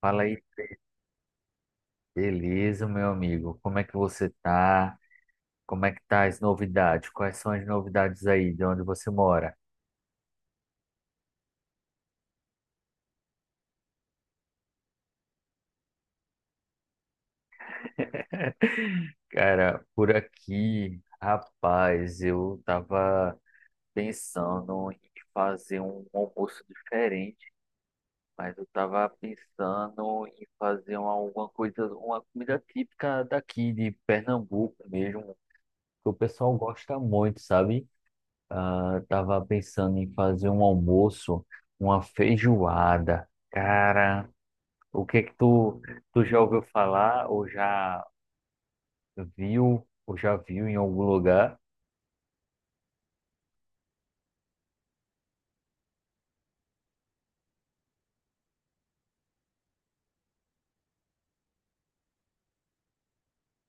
Fala aí, beleza, meu amigo? Como é que você tá? Como é que tá as novidades? Quais são as novidades aí de onde você mora? Cara, por aqui, rapaz, eu tava pensando em fazer um almoço diferente, mas eu tava pensando em fazer alguma coisa, uma comida típica daqui de Pernambuco mesmo, que o pessoal gosta muito, sabe? Ah, tava pensando em fazer um almoço, uma feijoada. Cara, o que que tu, tu já ouviu falar ou já viu em algum lugar?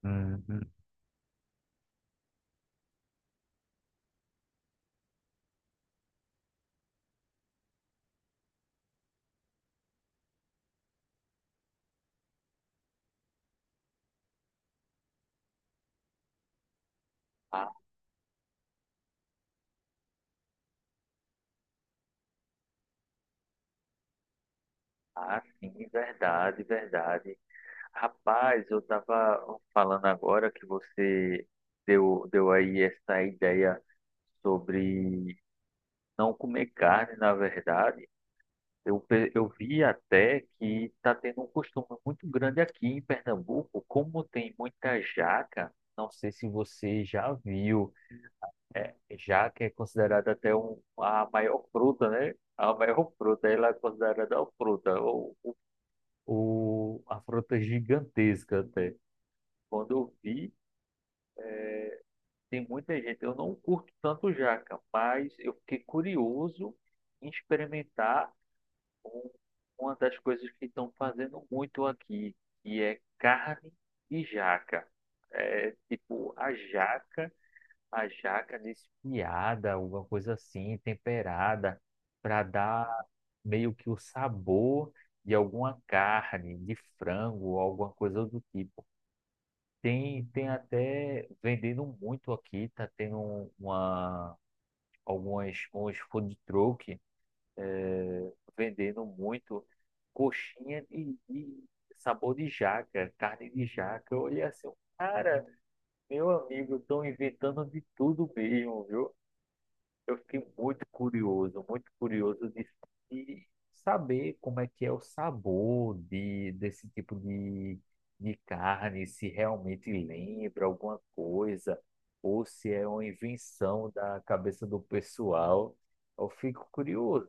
Uhum. Ah, ah, sim, verdade, verdade. Rapaz, eu tava falando agora que você deu aí essa ideia sobre não comer carne, na verdade. Eu, eu vi até que está tendo um costume muito grande aqui em Pernambuco, como tem muita jaca, não sei se você já viu. Jaca é considerada até um, a maior fruta, né? A maior fruta, ela é considerada a fruta, a fruta gigantesca até. Quando eu vi, tem muita gente, eu não curto tanto jaca, mas eu fiquei curioso em experimentar um- uma das coisas que estão fazendo muito aqui, que é carne e jaca. É tipo a jaca desfiada, alguma coisa assim, temperada, para dar meio que o sabor de alguma carne, de frango, alguma coisa do tipo. Tem, tem até vendendo muito aqui, tá tendo uma, algumas, uns food truck vendendo muito coxinha de sabor de jaca, carne de jaca. Eu olhei assim, cara, meu amigo, estão inventando de tudo mesmo, viu? Eu fiquei muito curioso de saber como é que é o sabor de, desse tipo de carne, se realmente lembra alguma coisa, ou se é uma invenção da cabeça do pessoal. Eu fico curioso.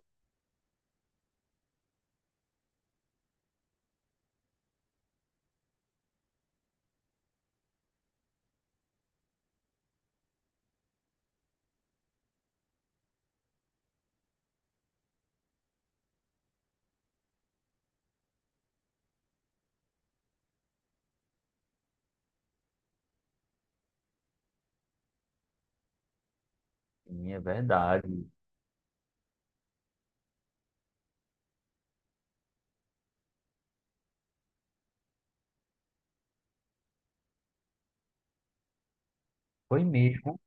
Sim, é verdade. Foi mesmo.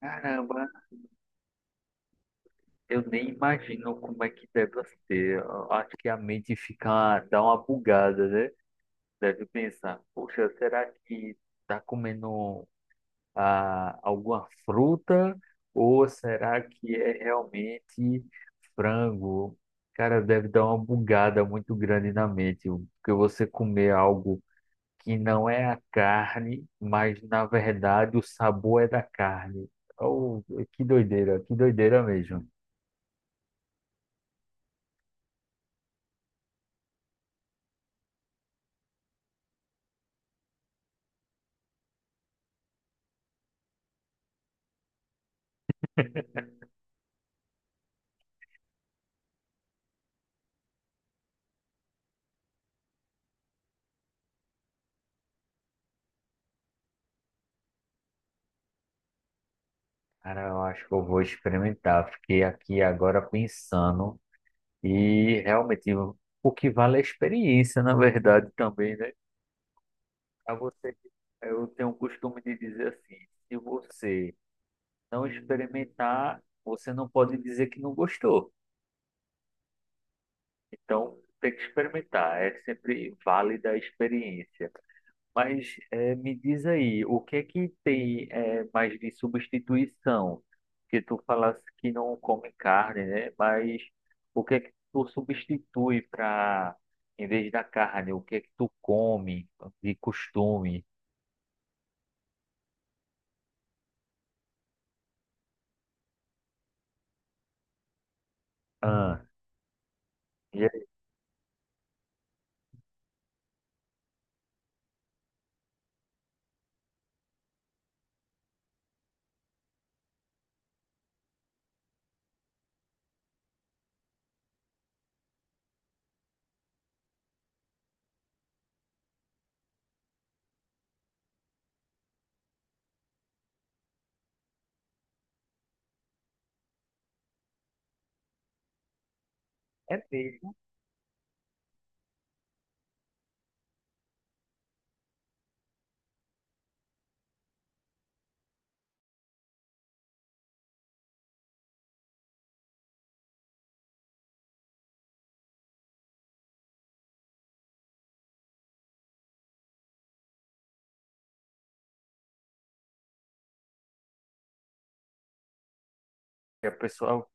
Caramba, eu nem imagino como é que deve ser. Eu acho que a mente fica, dá uma bugada, né? Deve pensar, poxa, será que tá comendo ah, alguma fruta? Ou será que é realmente frango? Cara, deve dar uma bugada muito grande na mente, porque você comer algo que não é a carne, mas na verdade o sabor é da carne. Oh, que doideira mesmo. Cara, eu acho que eu vou experimentar. Fiquei aqui agora pensando e realmente o que vale é a experiência, na verdade, também, né? Pra você, eu tenho o costume de dizer assim, se você não experimentar, você não pode dizer que não gostou. Então, tem que experimentar. É sempre válida a experiência. Mas me diz aí, o que é que tem mais de substituição? Que tu falasse que não come carne, né? Mas o que é que tu substitui para, em vez da carne, o que é que tu come de costume? Ah, e é mesmo. E a pessoa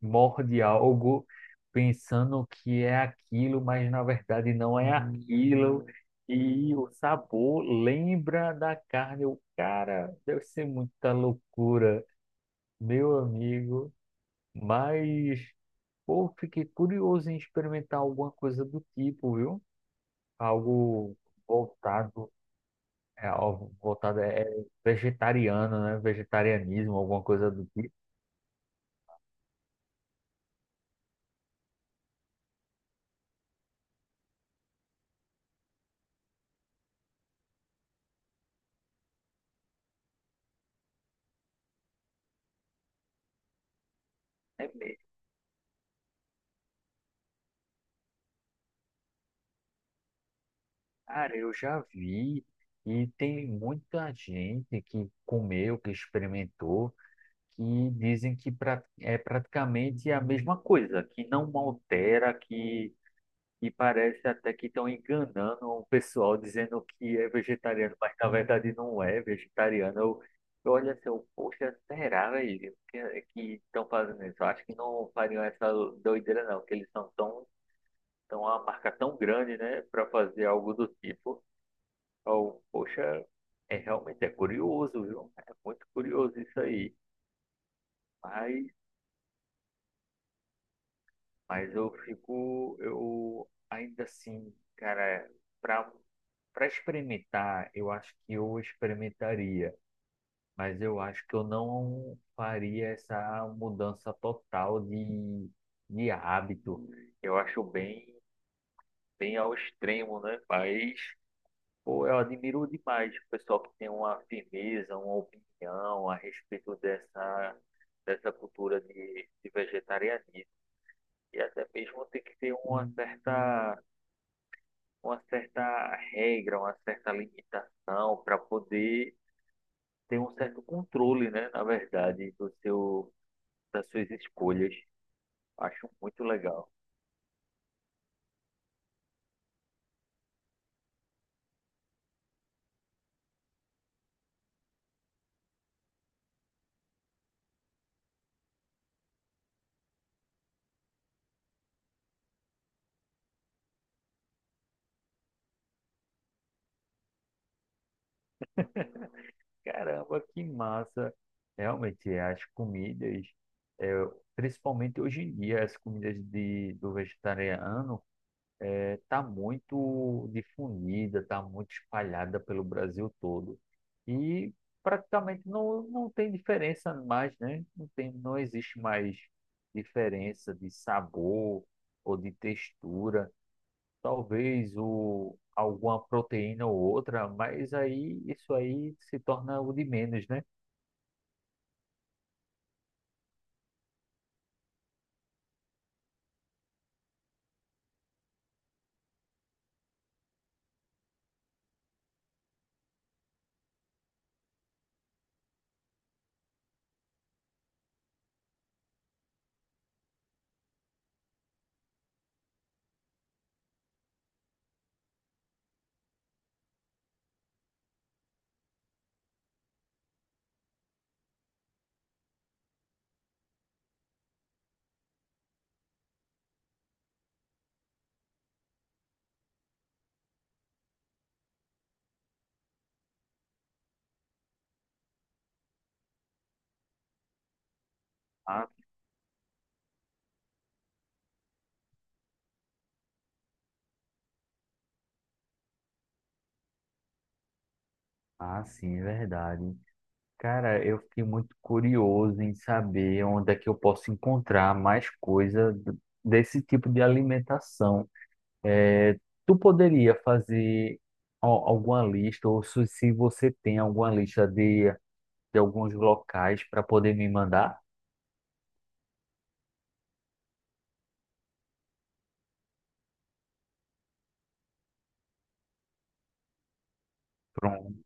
morde algo pensando que é aquilo, mas na verdade não é aquilo. E o sabor lembra da carne. O cara deve ser muita loucura, meu amigo. Mas, pô, fiquei curioso em experimentar alguma coisa do tipo, viu? Algo voltado, é, algo voltado é vegetariano, né? Vegetarianismo, alguma coisa do tipo. É. Cara, eu já vi e tem muita gente que comeu, que experimentou, que dizem que é praticamente a mesma coisa, que não altera, que parece até que estão enganando o pessoal dizendo que é vegetariano, mas na verdade não é vegetariano. Eu olho assim, eu, poxa, será, velho, que é, que estão fazendo isso? Eu acho que não fariam essa doideira não, que eles são tão, tão uma marca tão grande, né, para fazer algo do tipo. Oh, poxa, é realmente é curioso, viu? É muito curioso isso aí. Mas, mas eu fico, eu ainda assim, cara, para para experimentar, eu acho que eu experimentaria, mas eu acho que eu não faria essa mudança total de hábito. Eu acho bem, bem ao extremo, né? Mas pô, eu admiro demais o pessoal que tem uma firmeza, uma opinião a respeito dessa, dessa cultura de vegetarianismo. E até mesmo tem que ter uma certa regra, uma certa limitação para poder ter um certo controle, né, na verdade, do seu, das suas escolhas. Acho muito legal. Caramba, que massa! Realmente, é, as comidas, é, principalmente hoje em dia, as comidas de, do vegetariano é, tá muito difundida, tá muito espalhada pelo Brasil todo. E praticamente não, não tem diferença mais, né? Não tem, não existe mais diferença de sabor ou de textura. Talvez o, alguma proteína ou outra, mas aí isso aí se torna o de menos, né? Ah, ah, sim, é verdade. Cara, eu fiquei muito curioso em saber onde é que eu posso encontrar mais coisa desse tipo de alimentação. É, tu poderia fazer alguma lista, ou se se você tem alguma lista de alguns locais para poder me mandar? Pronto,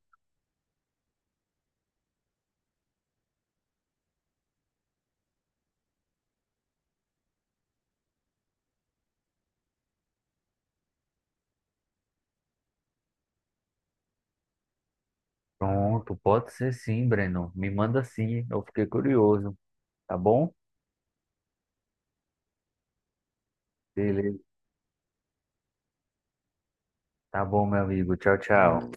pronto, pode ser sim, Breno. Me manda sim, eu fiquei curioso, tá bom? Beleza, tá bom, meu amigo. Tchau, tchau.